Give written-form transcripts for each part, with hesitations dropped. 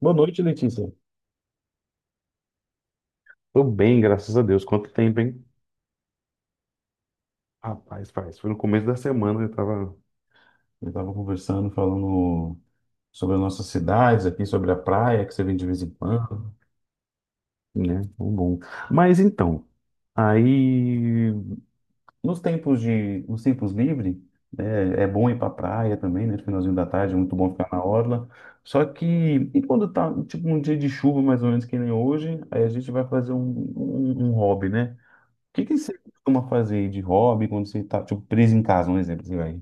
Boa noite, Letícia. Tô bem, graças a Deus. Quanto tempo, hein? Rapaz, faz. Foi no começo da semana, eu tava. Eu estava conversando, falando sobre as nossas cidades aqui, sobre a praia que você vem de vez em quando. Né? Bom, bom. Mas então, aí. Nos tempos livres, né, é bom ir para praia também, né? No finalzinho da tarde, é muito bom ficar na orla. Só que, e quando tá, tipo, um dia de chuva, mais ou menos que nem hoje, aí a gente vai fazer um, um hobby, né? O que que você costuma fazer de hobby quando você tá, tipo, preso em casa, um exemplo, você vai.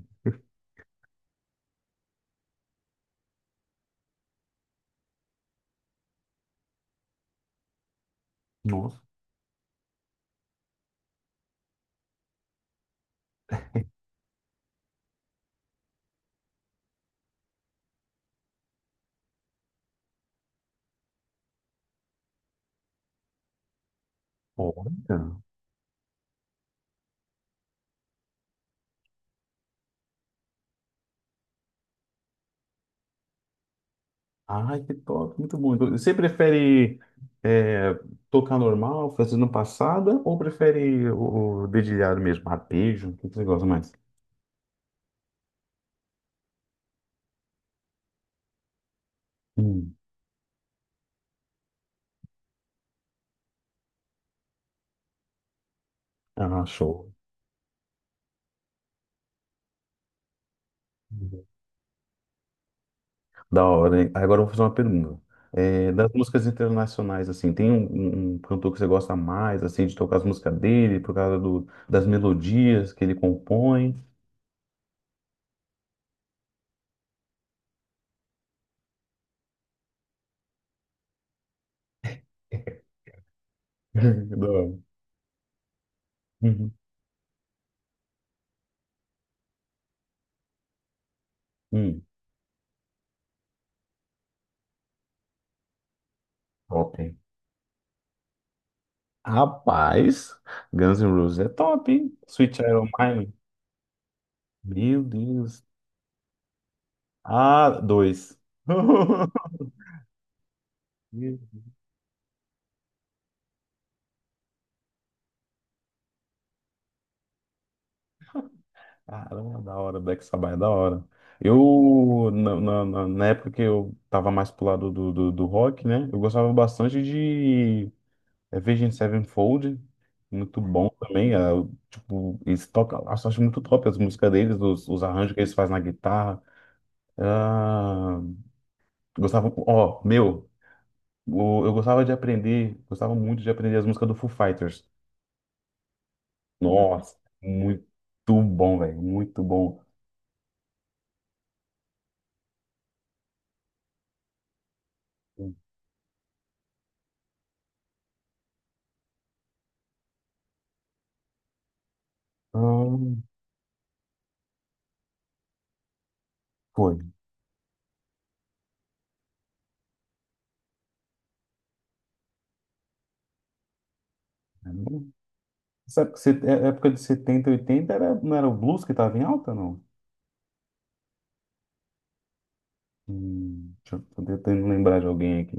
Nossa, olha. Ai, que top, muito bom. Então, você prefere é, tocar normal, fazendo passada, ou prefere o, dedilhado mesmo, arpejo? O que que você gosta mais? Hum, ah, show. Da hora, hein? Agora eu vou fazer uma pergunta. É, das músicas internacionais, assim, tem um, um cantor que você gosta mais, assim, de tocar as músicas dele, por causa do, das melodias que ele compõe? Da hora. Uhum. Hum, top. Rapaz, Guns N' Roses é top, hein? Sweet Child O' Mine. Meu Deus. Ah, dois. Ih, caramba, da hora. Black Sabbath é da hora. Eu, na, na, na época que eu tava mais pro lado do, do rock, né? Eu gostava bastante de Virgin Sevenfold. Muito bom também. Tipo, eles tocam. Nossa, eu acho muito top as músicas deles, os arranjos que eles fazem na guitarra. Ah, gostava. Ó, meu. Eu gostava de aprender, gostava muito de aprender as músicas do Foo Fighters. Nossa, muito bom, velho, muito bom. Então, foi. Sabe que época de 70, 80 era, não era o blues que estava em alta, não? Deixa, eu tô tentando lembrar de alguém aqui.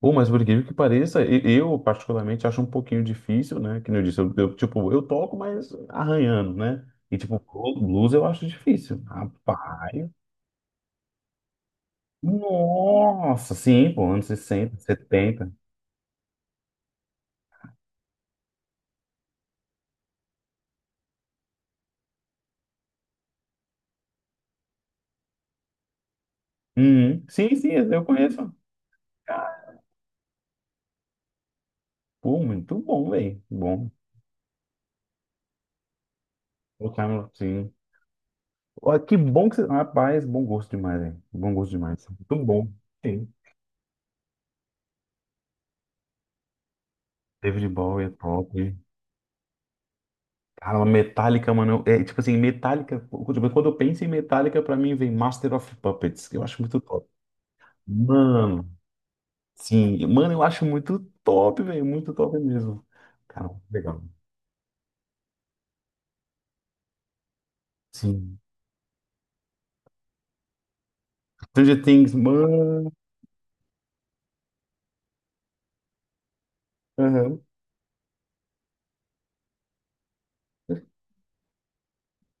Ou, mas por incrível que pareça, eu particularmente acho um pouquinho difícil, né? Que nem eu disse, eu, tipo, eu toco, mas arranhando, né? E tipo, blues eu acho difícil. Rapaz. Nossa, sim, pô, anos 60, 70. Uhum. Sim, sim, eu conheço. Pô, muito bom, velho. Bom. O Camelot, sim. Ó, que bom que você. Rapaz, bom gosto demais, velho. Bom gosto demais. Muito bom. Sim. David Bowie é top. Cara, uma Metallica, mano. É, tipo assim, Metallica. Tipo, quando eu penso em Metallica, pra mim vem Master of Puppets, que eu acho muito top. Mano, sim. Mano, eu acho muito top, velho. Muito top mesmo. Cara, legal. Sim. Stranger Things, mano.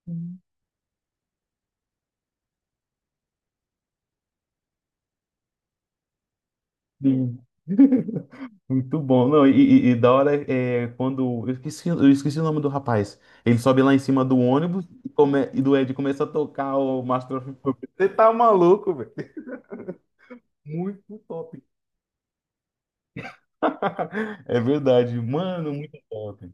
Sim. Muito bom. Não, e da hora é quando. Eu esqueci o nome do rapaz. Ele sobe lá em cima do ônibus e, e do Ed começa a tocar o Master of Puppets. Você tá maluco, velho? Muito top. É verdade, mano, muito top.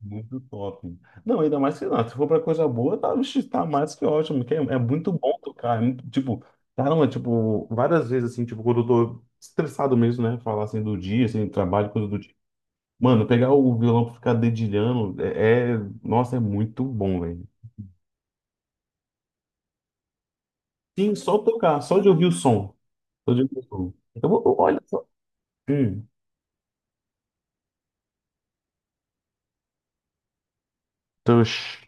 Muito top. Não, ainda mais que não. Se for pra coisa boa, tá, vixe, tá mais que ótimo. Que é muito bom tocar. É muito, tipo, caramba, tipo, várias vezes assim, tipo, quando eu tô estressado mesmo, né? Falar assim do dia, assim, trabalho, coisa do dia. Mano, pegar o violão pra ficar dedilhando nossa, é muito bom, velho. Sim, só tocar, só de ouvir o som. Só de ouvir o som. Então, eu vou, olha só. Hum, Tush.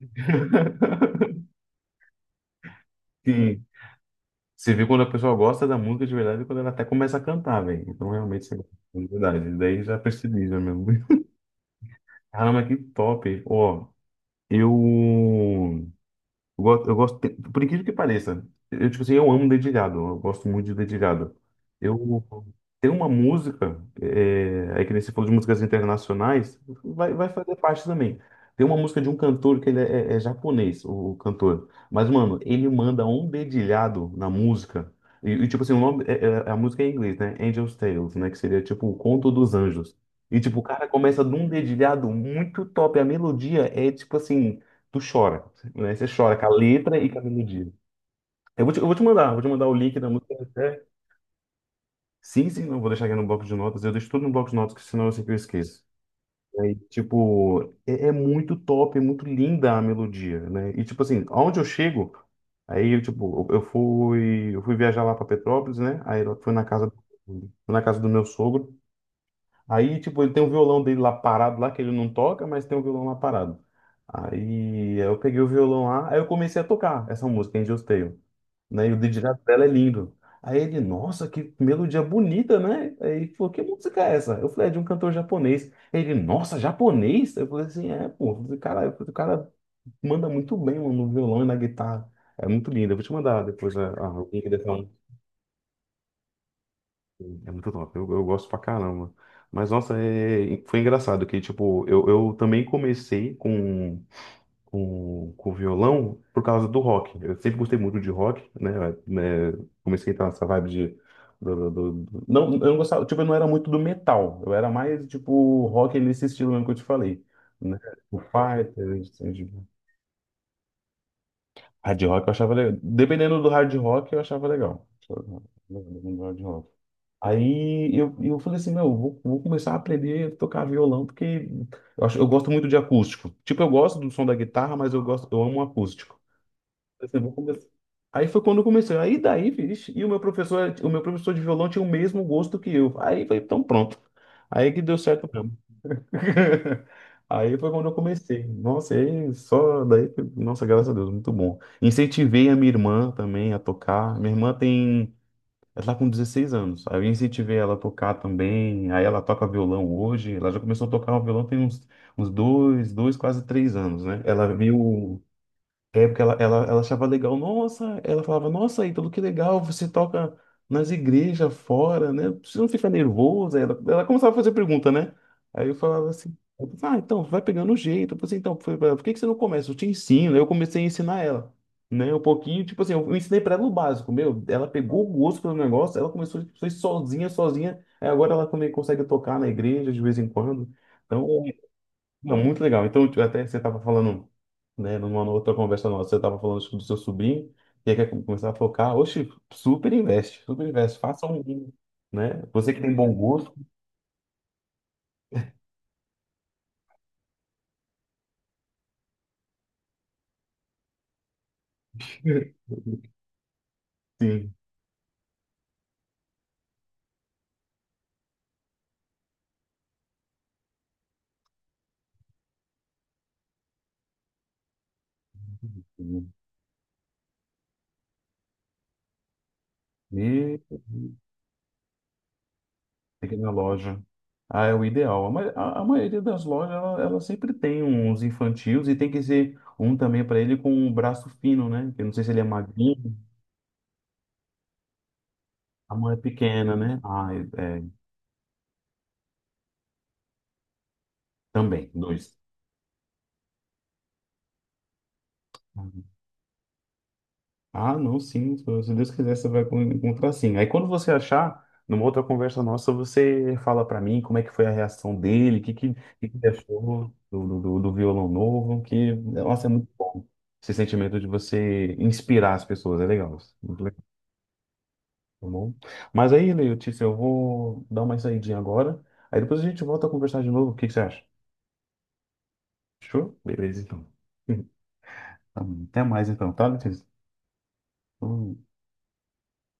Sim. Você vê quando a pessoa gosta da música de verdade e quando ela até começa a cantar, velho. Então realmente você gosta de verdade. Daí já percebi já mesmo. Caramba, que top. Ó, eu. Eu gosto, por incrível que pareça, eu, tipo assim, eu amo dedilhado, eu gosto muito de dedilhado. Eu tenho uma música, aí que nem você falou de músicas internacionais, vai fazer parte também. Tem uma música de um cantor que ele é japonês, o, cantor. Mas, mano, ele manda um dedilhado na música. E, tipo assim, o nome, a música é em inglês, né? Angel's Tales, né? Que seria tipo o Conto dos Anjos. E, tipo, o cara começa de um dedilhado muito top. A melodia é, tipo assim, tu chora, né? Você chora com a letra e com a melodia. Eu vou te mandar o link da música até. Sim, sim, não vou deixar aqui no bloco de notas. Eu deixo tudo no bloco de notas, que senão eu sei que eu esqueço. E aí, tipo, é muito top, é muito linda a melodia, né? E tipo assim, aonde eu chego, aí eu tipo, eu fui viajar lá para Petrópolis, né? Aí eu fui na casa do meu sogro. Aí, tipo, ele tem um violão dele lá parado lá, que ele não toca, mas tem um violão lá parado. Aí eu peguei o violão lá, aí eu comecei a tocar essa música, Angel's Tale, né? E o dedilhado dela é lindo. Aí ele, nossa, que melodia bonita, né? Aí ele falou, que música é essa? Eu falei, é de um cantor japonês. Ele, nossa, japonês? Eu falei assim, pô, eu falei, cara, eu falei, o cara manda muito bem, mano, no violão e na guitarra. É muito lindo, eu vou te mandar depois a, o link dessa. É muito top, eu gosto pra caramba. Mas, nossa, foi engraçado que, tipo, eu também comecei com, com violão por causa do rock. Eu sempre gostei muito de rock, né? É, comecei a entrar nessa vibe de... Não, eu não gostava, tipo, eu não era muito do metal. Eu era mais, tipo, rock nesse estilo mesmo que eu te falei, né? O Fighters, hard rock eu achava legal. Dependendo do hard rock, eu achava legal. Dependendo do hard rock. Aí eu falei assim, meu, eu vou começar a aprender a tocar violão, porque eu gosto muito de acústico. Tipo, eu gosto do som da guitarra, mas eu amo o acústico. Eu falei, assim, vou começar. Aí foi quando eu comecei. Aí daí, vixe, e o meu professor, de violão tinha o mesmo gosto que eu. Aí foi, então pronto. Aí que deu certo mesmo. Aí foi quando eu comecei. Nossa, aí só daí, nossa, graças a Deus, muito bom. Incentivei a minha irmã também a tocar. Minha irmã tem ela tá com 16 anos. Aí eu incentivei ela a tocar também. Aí ela toca violão hoje. Ela já começou a tocar o violão tem uns dois, dois, quase 3 anos, né? Ela viu porque ela achava legal, nossa, ela falava, nossa, Ítalo, que legal, você toca nas igrejas fora, né? Você não fica nervoso? Aí Ela começava a fazer pergunta, né? Aí eu falava assim, eu falava, ah, então, vai pegando o jeito. Eu falei, assim, então, foi, por que que você não começa? Eu te ensino. Aí eu comecei a ensinar ela, né? Um pouquinho, tipo assim, eu ensinei pra ela o básico, meu, ela pegou o gosto pelo negócio, ela começou, foi sozinha, sozinha, aí agora ela também consegue tocar na igreja de vez em quando. Então, não, muito legal. Então, tipo, até você estava falando, né, numa outra conversa nossa, você estava falando acho que do seu sobrinho, e aí quer começar a focar, oxe, super investe, faça um, né? Você que tem bom gosto, sim. E tem que ir na loja. Ah, é o ideal. A maioria das lojas, ela sempre tem uns infantis e tem que ser um também para ele com um braço fino, né? Eu não sei se ele é magrinho, a mão é pequena, né? Ah, é, é, também, dois. Ah, não, sim. Se Deus quiser, você vai encontrar sim. Aí quando você achar, numa outra conversa nossa, você fala pra mim como é que foi a reação dele, o que que ele achou do, do, do violão novo, que, nossa, é muito bom. Esse sentimento de você inspirar as pessoas, é legal. Muito legal, tá bom? Mas aí, Letícia, eu vou dar uma saidinha agora. Aí depois a gente volta a conversar de novo. O que que você acha? Fechou? Beleza, então. Tá bom. Até mais, então, tá, Letícia? Hum.